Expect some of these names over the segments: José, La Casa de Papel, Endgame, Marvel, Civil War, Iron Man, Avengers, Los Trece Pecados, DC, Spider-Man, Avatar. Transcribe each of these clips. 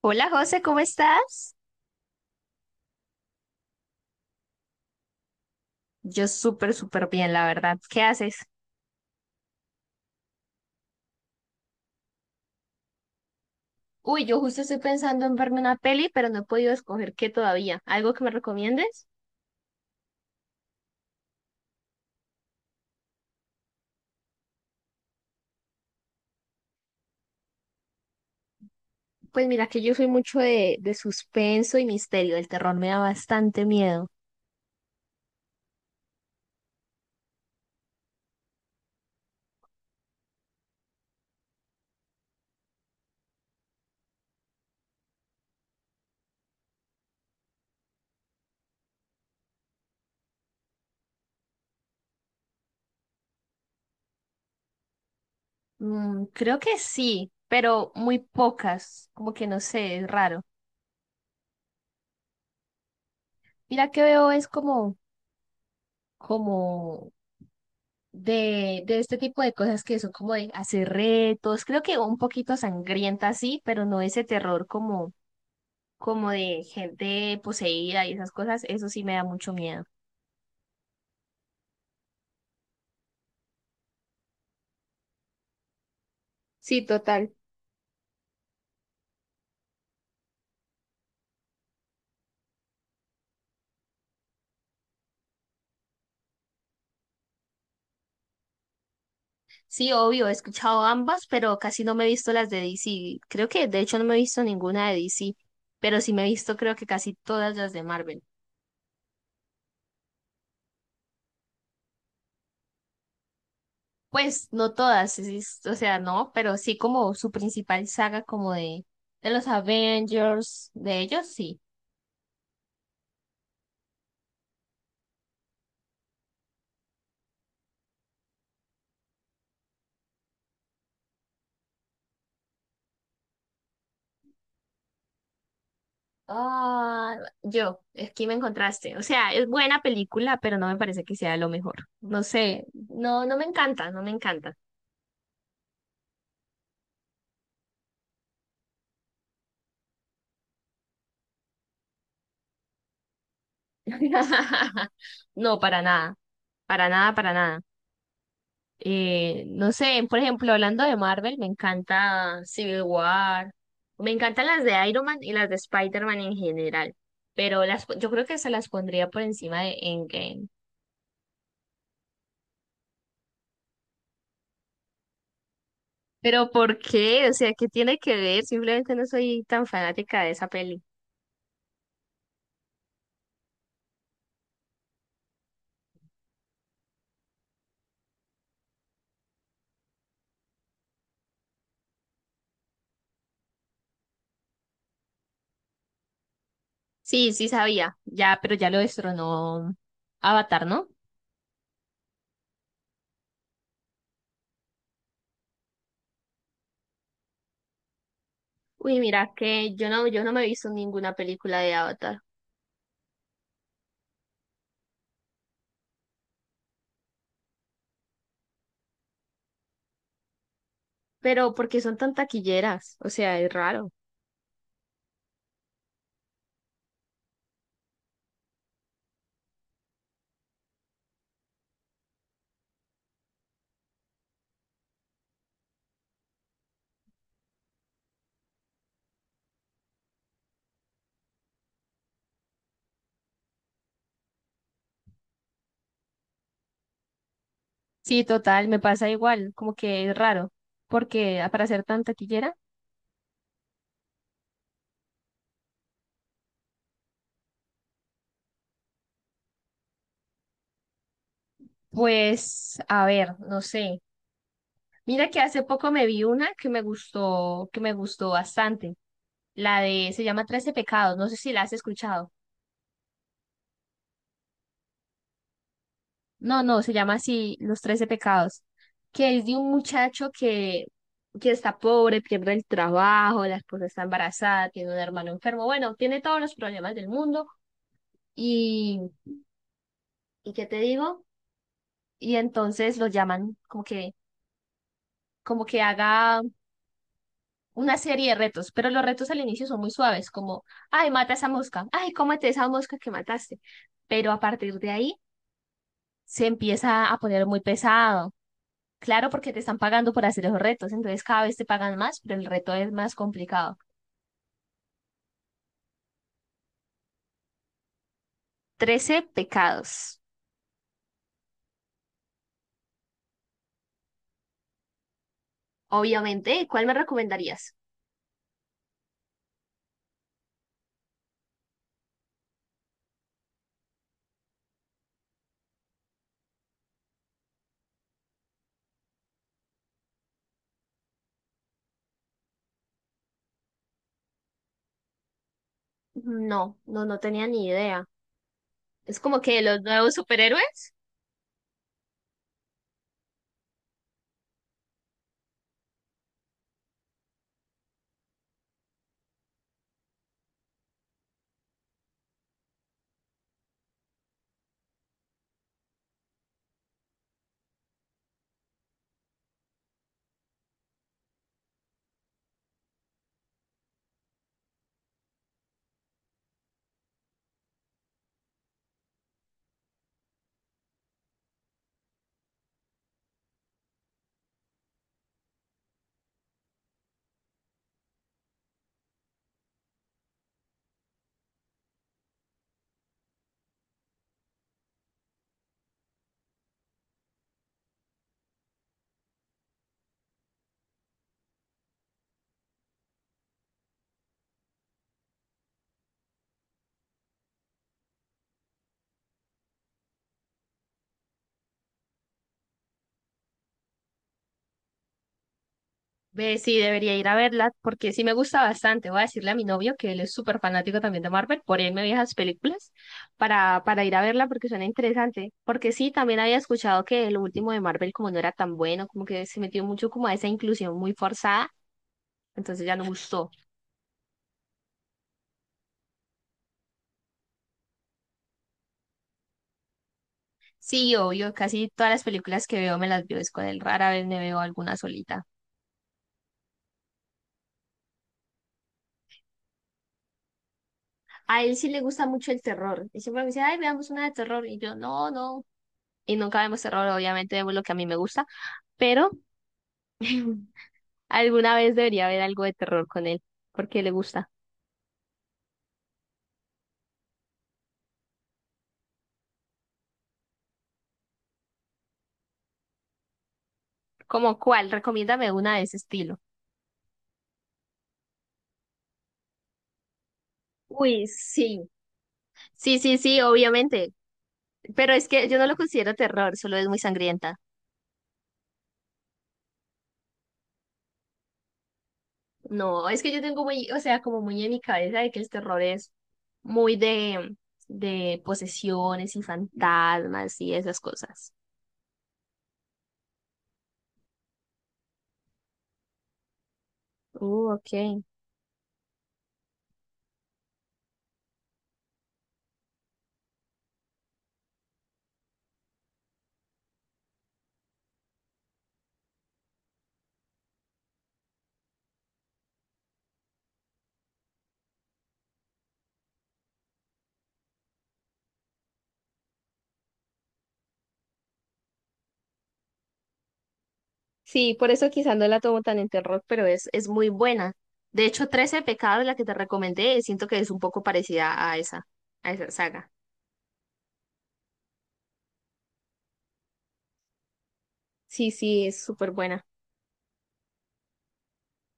Hola José, ¿cómo estás? Yo súper, súper bien, la verdad. ¿Qué haces? Uy, yo justo estoy pensando en verme una peli, pero no he podido escoger qué todavía. ¿Algo que me recomiendes? Pues mira que yo soy mucho de suspenso y misterio. El terror me da bastante miedo. Mm, creo que sí, pero muy pocas. Como que no sé, es raro. Mira que veo es como de este tipo de cosas que son como de hacer retos. Creo que un poquito sangrienta sí, pero no ese terror como de gente poseída y esas cosas, eso sí me da mucho miedo. Sí, total. Sí, obvio, he escuchado ambas, pero casi no me he visto las de DC. Creo que de hecho no me he visto ninguna de DC, pero sí me he visto creo que casi todas las de Marvel. Pues no todas, o sea, no, pero sí como su principal saga como de los Avengers, de ellos sí. Ah, yo, aquí me encontraste. O sea, es buena película, pero no me parece que sea lo mejor. No sé, no, no me encanta, no me encanta. No, para nada, para nada, para nada. No sé, por ejemplo, hablando de Marvel, me encanta Civil War, me encantan las de Iron Man y las de Spider-Man en general, pero las, yo creo que se las pondría por encima de Endgame. Pero ¿por qué? O sea, ¿qué tiene que ver? Simplemente no soy tan fanática de esa peli. Sí, sí sabía, ya, pero ya lo destronó Avatar, ¿no? Uy, mira que yo no, yo no me he visto ninguna película de Avatar. Pero porque son tan taquilleras, o sea, es raro. Sí, total, me pasa igual, como que es raro, porque para ser tan taquillera, pues, a ver, no sé. Mira que hace poco me vi una que me gustó bastante, la de, se llama Trece Pecados, no sé si la has escuchado. No, no, se llama así, Los Trece Pecados, que es de un muchacho que está pobre, pierde el trabajo, la esposa está embarazada, tiene un hermano enfermo, bueno, tiene todos los problemas del mundo y ¿y qué te digo? Y entonces lo llaman como que haga una serie de retos, pero los retos al inicio son muy suaves, como, ay, mata esa mosca, ay, cómete esa mosca que mataste. Pero a partir de ahí se empieza a poner muy pesado. Claro, porque te están pagando por hacer esos retos, entonces cada vez te pagan más, pero el reto es más complicado. Trece pecados. Obviamente, ¿cuál me recomendarías? No, no, no tenía ni idea. Es como que los nuevos superhéroes. Ve, sí, debería ir a verla porque sí me gusta bastante. Voy a decirle a mi novio que él es súper fanático también de Marvel, por él me vi esas películas para ir a verla porque suena interesante. Porque sí, también había escuchado que el último de Marvel como no era tan bueno, como que se metió mucho como a esa inclusión muy forzada, entonces ya no gustó. Sí, obvio, casi todas las películas que veo me las veo es con él, rara vez me veo alguna solita. A él sí le gusta mucho el terror y siempre me dice, ay, veamos una de terror y yo, no, no. Y nunca vemos terror, obviamente vemos lo que a mí me gusta. Pero alguna vez debería haber algo de terror con él, porque le gusta. ¿Cómo cuál? Recomiéndame una de ese estilo. Uy, sí. Sí, sí, sí, obviamente. Pero es que yo no lo considero terror, solo es muy sangrienta. No, es que yo tengo muy, o sea, como muy en mi cabeza de que el terror es muy de posesiones y fantasmas y esas cosas. Ok. Sí, por eso quizás no la tomo tan en terror, pero es muy buena. De hecho, trece pecados, la que te recomendé, siento que es un poco parecida a esa saga. Sí, sí, es súper buena.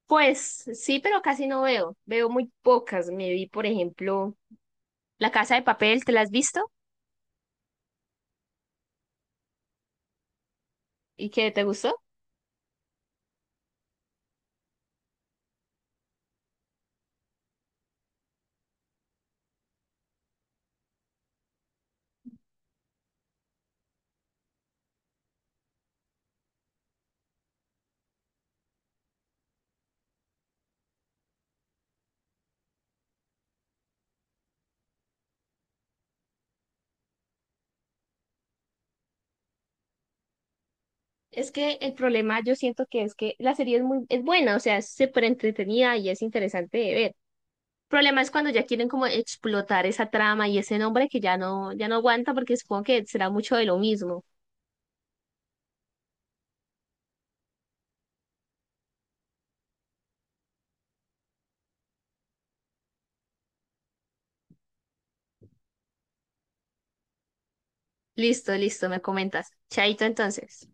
Pues sí, pero casi no veo. Veo muy pocas. Me vi, por ejemplo, La Casa de Papel, ¿te la has visto? ¿Y qué te gustó? Es que el problema yo siento que es que la serie es muy, es buena, o sea, es súper entretenida y es interesante de ver, problema es cuando ya quieren como explotar esa trama y ese nombre que ya no, ya no aguanta porque supongo que será mucho de lo mismo. Listo, listo, me comentas. Chaito entonces.